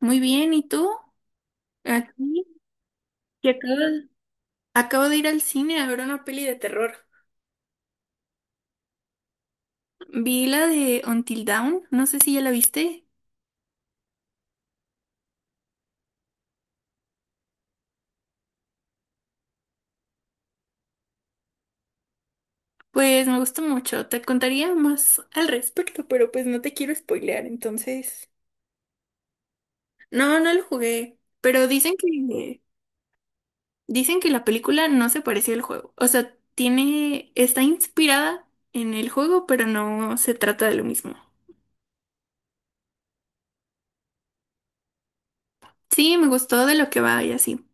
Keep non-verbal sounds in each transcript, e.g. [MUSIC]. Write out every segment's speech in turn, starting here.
Muy bien, ¿y tú? Aquí, que acabo de ir al cine a ver una peli de terror. Vi la de Until Dawn, no sé si ya la viste. Pues me gustó mucho, te contaría más al respecto, pero pues no te quiero spoilear, entonces. No, no lo jugué, pero dicen que la película no se pareció al juego. O sea, tiene está inspirada en el juego, pero no se trata de lo mismo. Sí, me gustó de lo que va y así.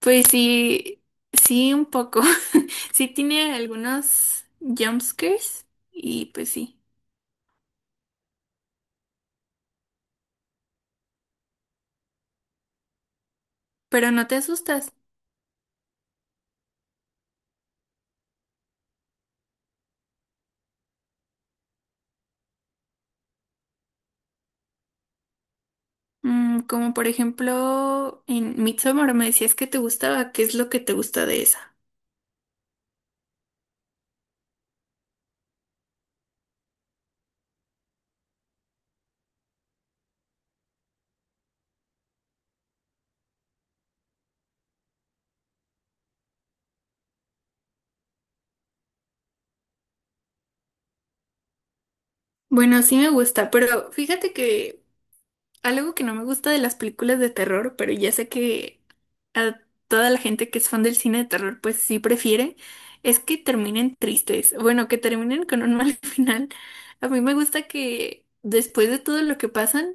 Pues sí, sí, un poco. [LAUGHS] Sí tiene algunos jumpscares y pues sí, pero no te asustas. Como por ejemplo en Midsommar me decías que te gustaba, ¿qué es lo que te gusta de esa? Bueno, sí me gusta, pero fíjate que algo que no me gusta de las películas de terror, pero ya sé que a toda la gente que es fan del cine de terror, pues sí prefiere, es que terminen tristes. Bueno, que terminen con un mal [LAUGHS] final. A mí me gusta que después de todo lo que pasan,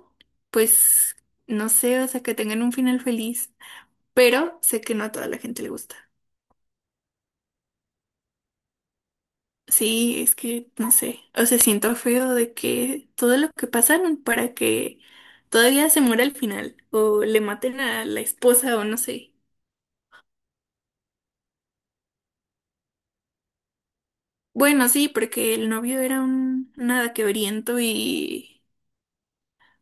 pues no sé, o sea, que tengan un final feliz. Pero sé que no a toda la gente le gusta. Sí, es que no sé. O sea, siento feo de que todo lo que pasaron para que todavía se muera al final o le maten a la esposa o no sé. Bueno, sí, porque el novio era un nada quebriento y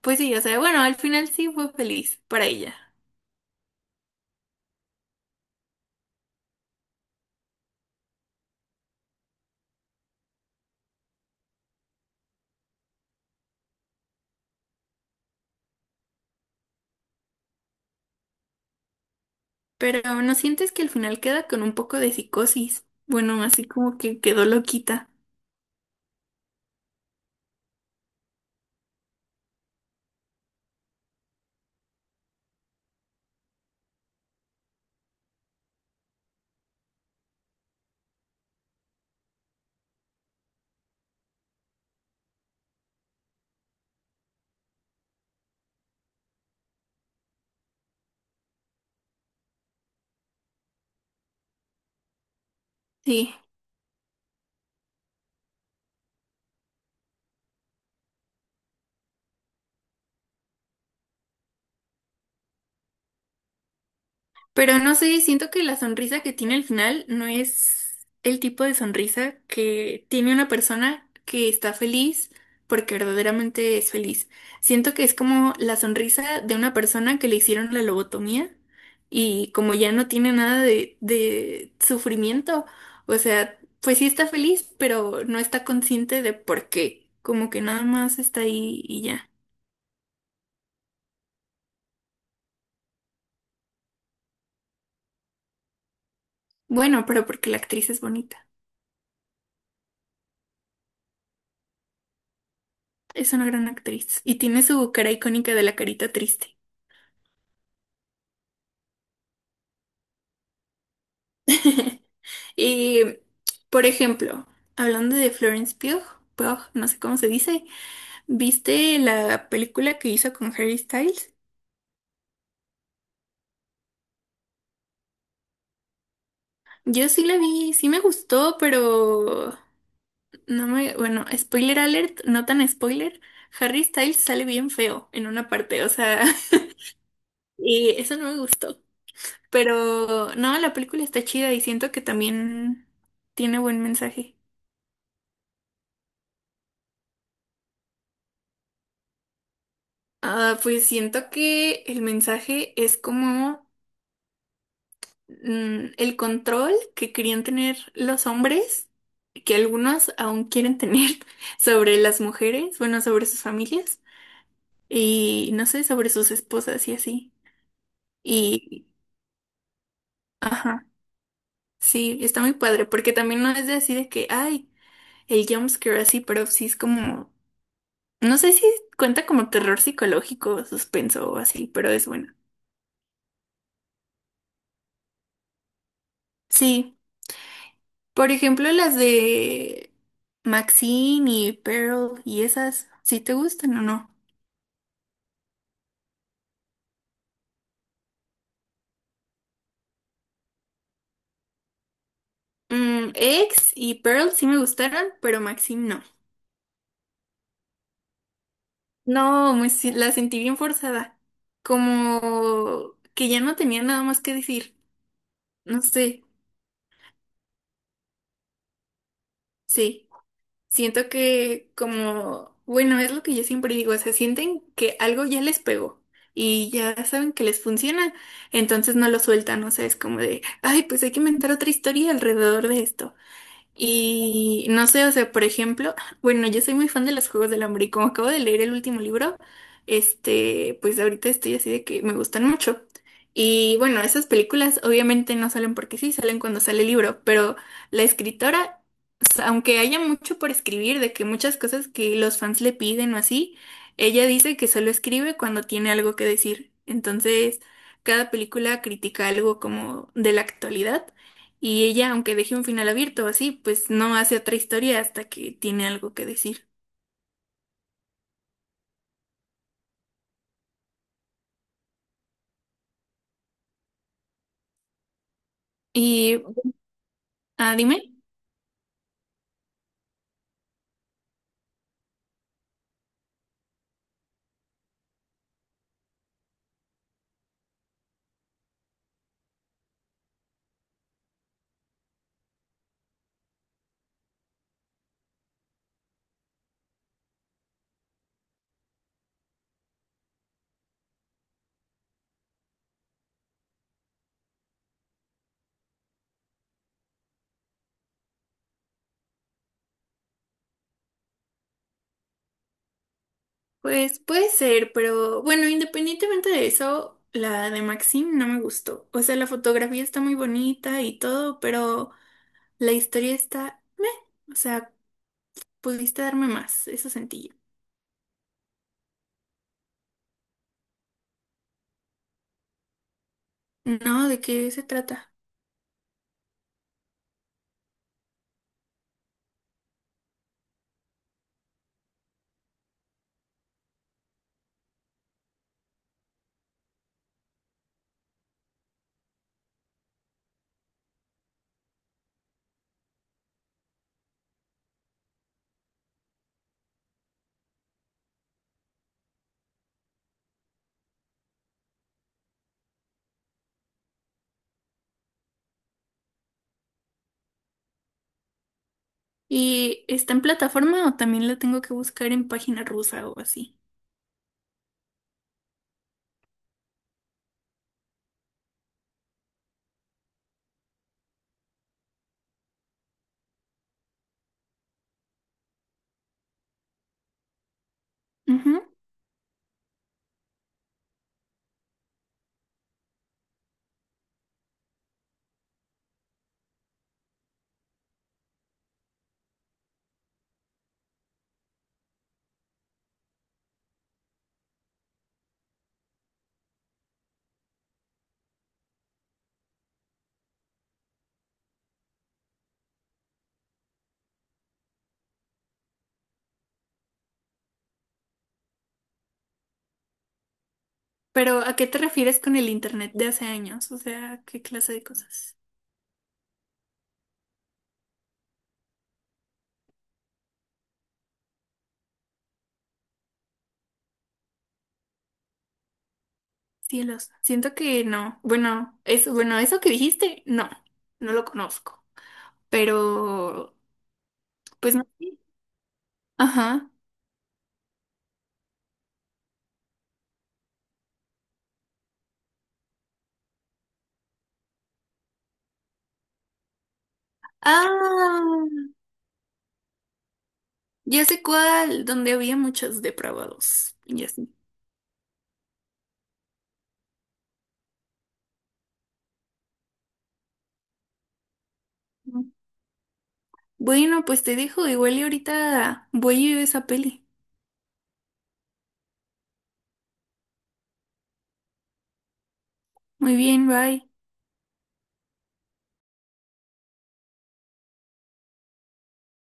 pues sí, o sea, bueno, al final sí fue feliz para ella, pero ¿no sientes que al final queda con un poco de psicosis? Bueno, así como que quedó loquita. Sí. Pero no sé, siento que la sonrisa que tiene al final no es el tipo de sonrisa que tiene una persona que está feliz porque verdaderamente es feliz. Siento que es como la sonrisa de una persona que le hicieron la lobotomía y como ya no tiene nada de sufrimiento, o sea, pues sí está feliz, pero no está consciente de por qué. Como que nada más está ahí y ya. Bueno, pero porque la actriz es bonita. Es una gran actriz y tiene su cara icónica de la carita triste. [LAUGHS] Y, por ejemplo, hablando de Florence Pugh, Pugh, no sé cómo se dice, ¿viste la película que hizo con Harry Styles? Yo sí la vi, sí me gustó, pero no me, bueno, spoiler alert, no tan spoiler, Harry Styles sale bien feo en una parte, o sea, [LAUGHS] y eso no me gustó. Pero no, la película está chida y siento que también tiene buen mensaje. Ah, pues siento que el mensaje es como el control que querían tener los hombres, que algunos aún quieren tener [LAUGHS] sobre las mujeres, bueno, sobre sus familias y no sé, sobre sus esposas y así. Y, ajá, sí, está muy padre, porque también no es de así de que, ay, el jumpscare así, pero sí es como, no sé si cuenta como terror psicológico, suspenso o así, pero es bueno. Sí. Por ejemplo, las de Maxine y Pearl y esas, ¿sí te gustan o no? Ex y Pearl sí me gustaron, pero Maxine no. No, me si- la sentí bien forzada. Como que ya no tenía nada más que decir. No sé, sí. Siento que como, bueno, es lo que yo siempre digo, o sea, sienten que algo ya les pegó y ya saben que les funciona, entonces no lo sueltan, o sea, es como de, ay, pues hay que inventar otra historia alrededor de esto. Y no sé, o sea, por ejemplo, [LAUGHS] bueno, yo soy muy fan de los Juegos del Hambre y como acabo de leer el último libro, este, pues ahorita estoy así de que me gustan mucho. Y bueno, esas películas obviamente no salen porque sí, salen cuando sale el libro, pero la escritora, aunque haya mucho por escribir, de que muchas cosas que los fans le piden o así, ella dice que solo escribe cuando tiene algo que decir. Entonces, cada película critica algo como de la actualidad. Y ella, aunque deje un final abierto así, pues no hace otra historia hasta que tiene algo que decir. Y, ah, dime. Pues puede ser, pero bueno, independientemente de eso, la de Maxim no me gustó. O sea, la fotografía está muy bonita y todo, pero la historia está meh. O sea, pudiste darme más, eso sentí yo. No, ¿de qué se trata? ¿Y está en plataforma o también la tengo que buscar en página rusa o así? Ujú. Pero, ¿a qué te refieres con el internet de hace años? O sea, ¿qué clase de cosas? Cielos. Siento que no. Bueno, eso que dijiste, no, no lo conozco. Pero, pues no sé. Ajá. Ah, ya sé cuál, donde había muchos depravados. Ya sé. Bueno, pues te dejo, igual y ahorita voy a ir a esa peli. Muy bien, bye.